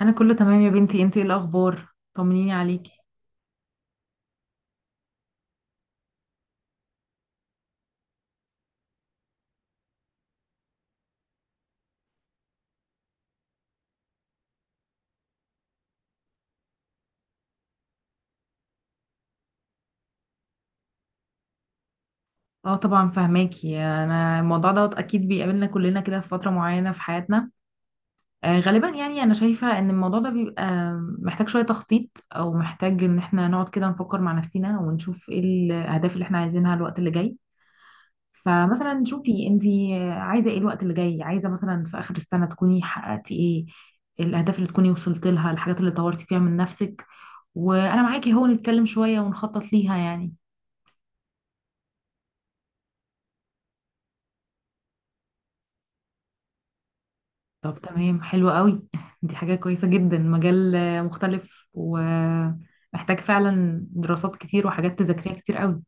انا كله تمام يا بنتي، انتي ايه الاخبار؟ طمنيني عليكي. اه طبعا فهماكي، انا الموضوع دوت اكيد بيقابلنا كلنا كده في فتره معينه في حياتنا. غالبا يعني انا شايفه ان الموضوع ده بيبقى محتاج شويه تخطيط، او محتاج ان احنا نقعد كده نفكر مع نفسنا ونشوف ايه الاهداف اللي احنا عايزينها الوقت اللي جاي. فمثلا شوفي، انتي عايزه ايه الوقت اللي جاي؟ عايزه مثلا في اخر السنه تكوني حققتي ايه الاهداف؟ اللي تكوني وصلت لها، الحاجات اللي طورتي فيها من نفسك. وانا معاكي اهو، نتكلم شويه ونخطط ليها يعني. طب تمام، حلو قوي. دي حاجة كويسة جدا. مجال مختلف، ومحتاج فعلا دراسات كتير وحاجات تذاكريها كتير قوي.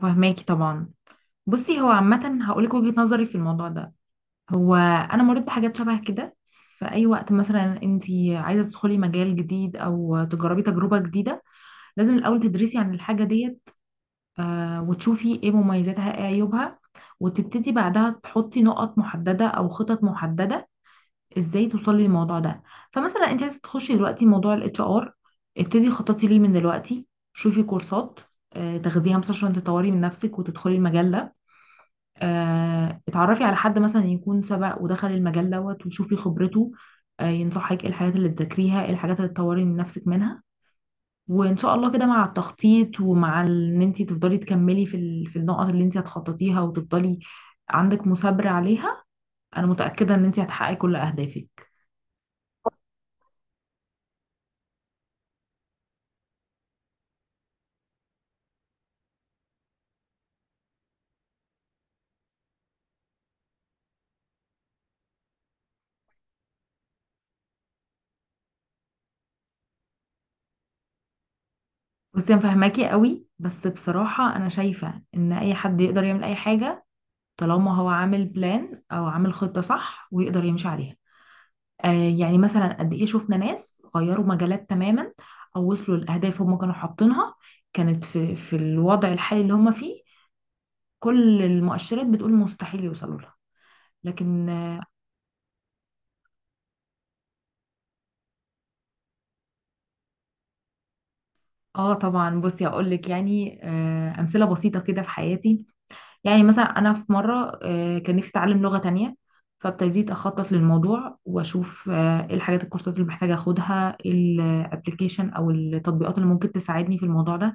فهماكي طبعا. بصي، هو عامة هقولك وجهة نظري في الموضوع ده. هو أنا مريت بحاجات شبه كده. في أي وقت مثلا انتي عايزة تدخلي مجال جديد أو تجربي تجربة جديدة، لازم الأول تدرسي عن الحاجة ديت، وتشوفي ايه مميزاتها ايه عيوبها، وتبتدي بعدها تحطي نقط محددة أو خطط محددة ازاي توصلي للموضوع ده. فمثلا انت عايزه تخشي دلوقتي موضوع الاتش ار، ابتدي خططي ليه من دلوقتي. شوفي كورسات تاخديها مثلا عشان تطوري من نفسك وتدخلي المجال ده. اتعرفي على حد مثلا يكون سبق ودخل المجال دوت وشوفي خبرته، ينصحك ايه الحاجات اللي تذاكريها ايه الحاجات اللي تطوري من نفسك منها. وان شاء الله كده مع التخطيط، ومع ان انت تفضلي تكملي في في النقط اللي انت هتخططيها، وتفضلي عندك مثابرة عليها، انا متأكدة ان انت هتحققي كل اهدافك. بصي انا فاهماكي قوي، بس بصراحة انا شايفة ان اي حد يقدر يعمل اي حاجة طالما هو عامل بلان او عامل خطة صح ويقدر يمشي عليها. آه يعني مثلا قد ايه شفنا ناس غيروا مجالات تماما، او وصلوا لاهداف هم كانوا حاطينها كانت في الوضع الحالي اللي هم فيه كل المؤشرات بتقول مستحيل يوصلوا لها، لكن آه طبعا. بصي هقول لك يعني، امثلة بسيطة كده في حياتي. يعني مثلا انا في مره كان نفسي اتعلم لغه تانية، فابتديت اخطط للموضوع واشوف ايه الحاجات الكورسات اللي محتاجه اخدها، الابلكيشن او التطبيقات اللي ممكن تساعدني في الموضوع ده،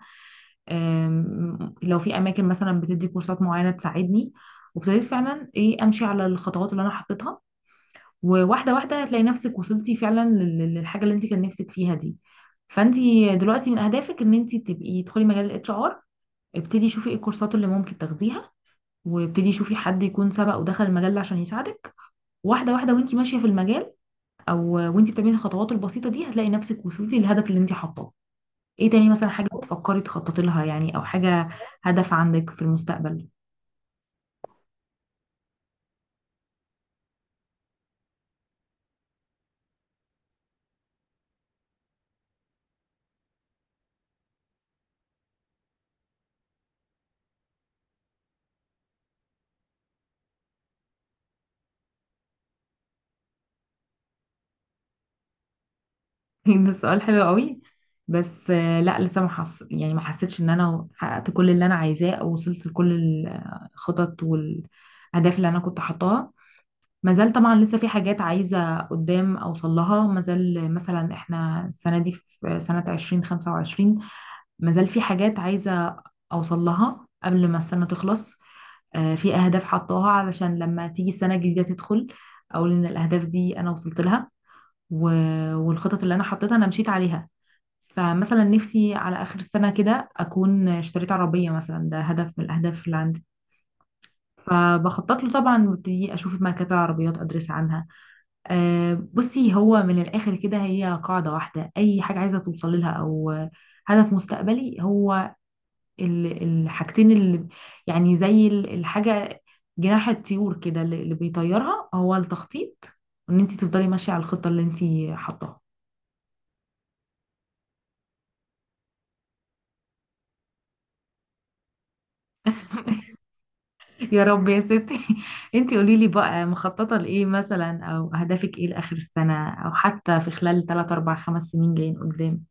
لو في اماكن مثلا بتدي كورسات معينه تساعدني. وابتديت فعلا ايه امشي على الخطوات اللي انا حطيتها، وواحده واحده هتلاقي نفسك وصلتي فعلا للحاجه اللي انت كان نفسك فيها دي. فانت دلوقتي من اهدافك ان انت تبقي تدخلي مجال الاتش ار. ابتدي شوفي ايه الكورسات اللي ممكن تاخديها، وابتدي شوفي حد يكون سبق ودخل المجال ده عشان يساعدك. واحده واحده وانت ماشيه في المجال. او وانت بتعملي الخطوات البسيطه دي هتلاقي نفسك وصلتي للهدف اللي انت حاطاه. ايه تاني مثلا حاجه بتفكري تخططي لها يعني، او حاجه، هدف عندك في المستقبل؟ ده سؤال حلو قوي. بس لا، لسه ما حس... يعني ما حسيتش ان انا حققت كل اللي انا عايزاه او وصلت لكل الخطط والاهداف اللي انا كنت حاطاها. ما زال طبعا لسه في حاجات عايزة قدام أوصل لها. ما زال مثلا احنا السنة دي في سنة 2025، ما زال في حاجات عايزة أوصل لها قبل ما السنة تخلص. في أهداف حطاها علشان لما تيجي السنة الجديدة تدخل، أقول إن الأهداف دي أنا وصلت لها، والخطط اللي أنا حطيتها أنا مشيت عليها. فمثلا نفسي على آخر السنة كده أكون اشتريت عربية مثلا، ده هدف من الأهداف اللي عندي، فبخطط له طبعا وابتدي أشوف ماركات العربيات أدرس عنها. بصي هو من الآخر كده، هي قاعدة واحدة، أي حاجة عايزة توصل لها أو هدف مستقبلي، هو الحاجتين اللي، يعني زي الحاجة جناح الطيور كده، اللي بيطيرها هو التخطيط، وإن أنت تفضلي ماشية على الخطة اللي أنت حطاها. يا رب يا ستي. أنت قولي لي بقى، مخططة لإيه مثلا، أو هدفك إيه لآخر السنة، أو حتى في خلال 3 4 5 سنين جايين قدام؟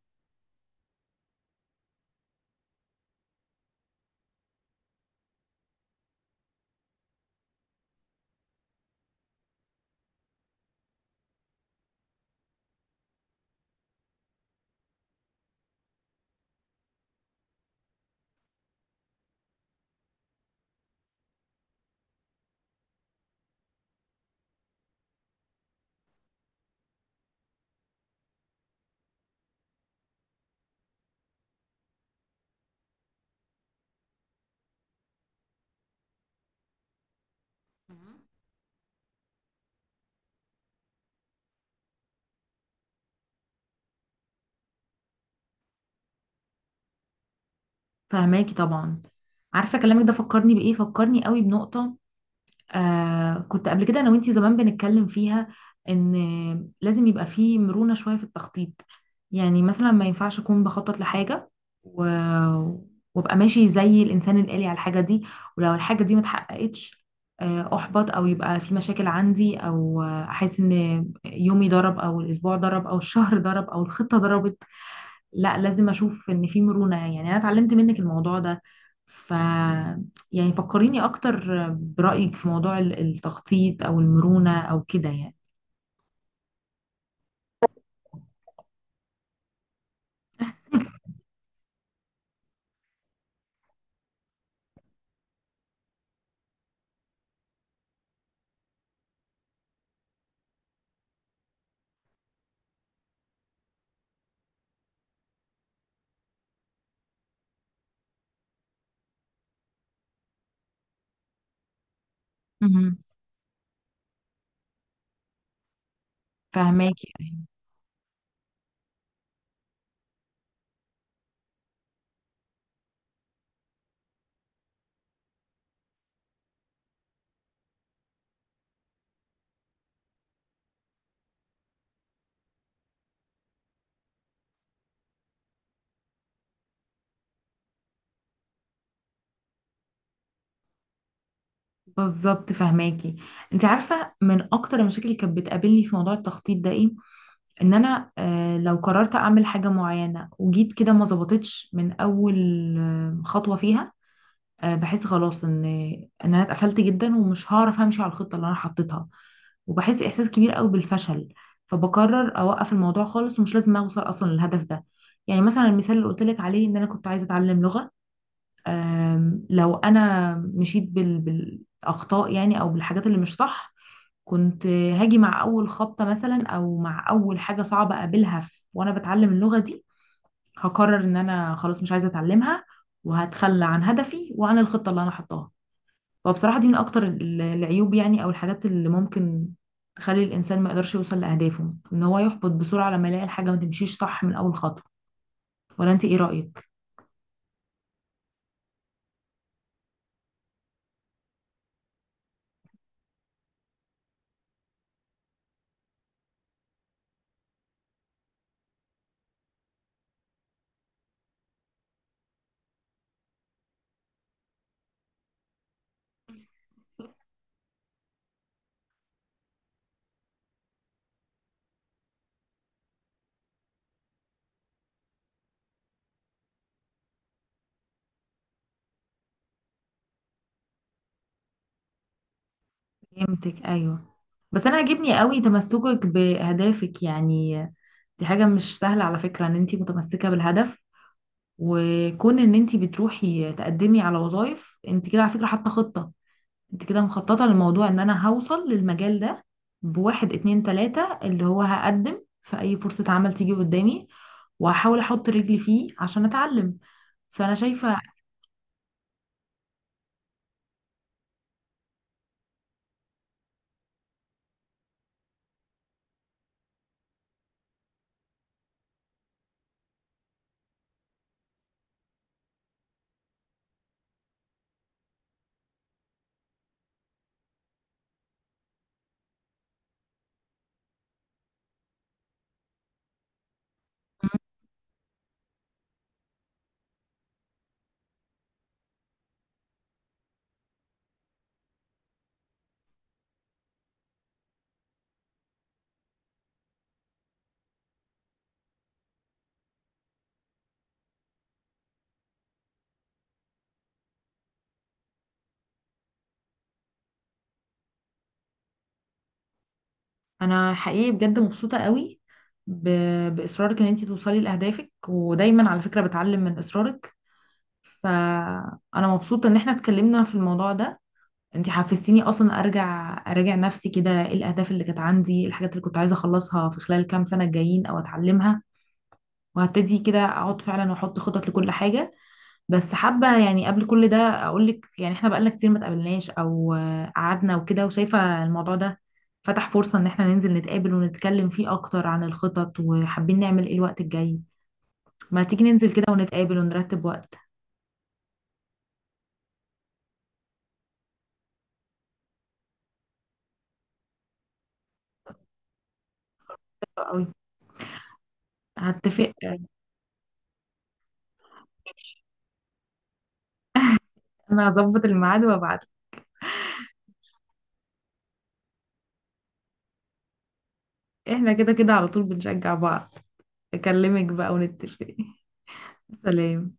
فهماكي طبعا. عارفه كلامك ده فكرني بايه؟ فكرني قوي بنقطه آه كنت قبل كده انا وانتي زمان بنتكلم فيها، ان لازم يبقى فيه مرونه شويه في التخطيط. يعني مثلا ما ينفعش اكون بخطط لحاجه و... وابقى ماشي زي الانسان الآلي على الحاجه دي، ولو الحاجه دي ما اتحققتش احبط، او يبقى في مشاكل عندي، او احس ان يومي ضرب او الاسبوع ضرب او الشهر ضرب او الخطه ضربت. لا، لازم اشوف ان في مرونة. يعني انا اتعلمت منك الموضوع ده. ف يعني فكريني اكتر برأيك في موضوع التخطيط او المرونة او كده يعني. مهم. فهماكي. بالظبط فهماكي. انت عارفه من اكتر المشاكل اللي كانت بتقابلني في موضوع التخطيط ده ايه؟ ان انا لو قررت اعمل حاجه معينه وجيت كده ما ظبطتش من اول خطوه فيها، بحس خلاص ان انا اتقفلت جدا ومش هعرف امشي على الخطه اللي انا حطيتها، وبحس احساس كبير قوي بالفشل، فبقرر اوقف الموضوع خالص ومش لازم اوصل اصلا للهدف ده. يعني مثلا المثال اللي قلت لك عليه ان انا كنت عايزه اتعلم لغه، لو انا مشيت بالاخطاء يعني او بالحاجات اللي مش صح، كنت هاجي مع اول خبطه مثلا او مع اول حاجه صعبه اقابلها وانا بتعلم اللغه دي، هقرر ان انا خلاص مش عايزه اتعلمها، وهتخلى عن هدفي وعن الخطه اللي انا حطاها. فبصراحة دي من أكتر العيوب يعني، أو الحاجات اللي ممكن تخلي الإنسان ما يقدرش يوصل لأهدافه، إن هو يحبط بسرعة لما يلاقي الحاجة ما تمشيش صح من أول خطوة. ولا أنت إيه رأيك؟ فهمتك أيوه. بس أنا عاجبني قوي تمسكك بأهدافك يعني. دي حاجة مش سهلة على فكرة، إن أنت متمسكة بالهدف، وكون إن أنت بتروحي تقدمي على وظائف، أنت كده على فكرة حاطة خطة، انت كده مخططة للموضوع ان انا هوصل للمجال ده بواحد اتنين تلاتة، اللي هو هقدم في اي فرصة عمل تيجي قدامي وهحاول احط رجلي فيه عشان اتعلم. فانا شايفة. انا حقيقي بجد مبسوطة قوي ب... باصرارك ان انت توصلي لاهدافك، ودايما على فكرة بتعلم من اصرارك. فانا مبسوطة ان احنا اتكلمنا في الموضوع ده. انت حفزتيني اصلا ارجع اراجع نفسي كده ايه الاهداف اللي كانت عندي، الحاجات اللي كنت عايزة اخلصها في خلال كام سنة الجايين او اتعلمها، وهبتدي كده اقعد فعلا واحط خطط لكل حاجه. بس حابه يعني قبل كل ده اقول لك يعني احنا بقالنا كتير ما اتقابلناش، او قعدنا وكده، وشايفه الموضوع ده فتح فرصه ان احنا ننزل نتقابل ونتكلم فيه اكتر عن الخطط، وحابين نعمل ايه الوقت الجاي. ما تيجي ننزل كده ونتقابل ونرتب وقت. حلو قوي. هتفق ماشي. انا هظبط الميعاد وابعت. احنا كده كده على طول بنشجع بعض. اكلمك بقى ونتفق. سلام.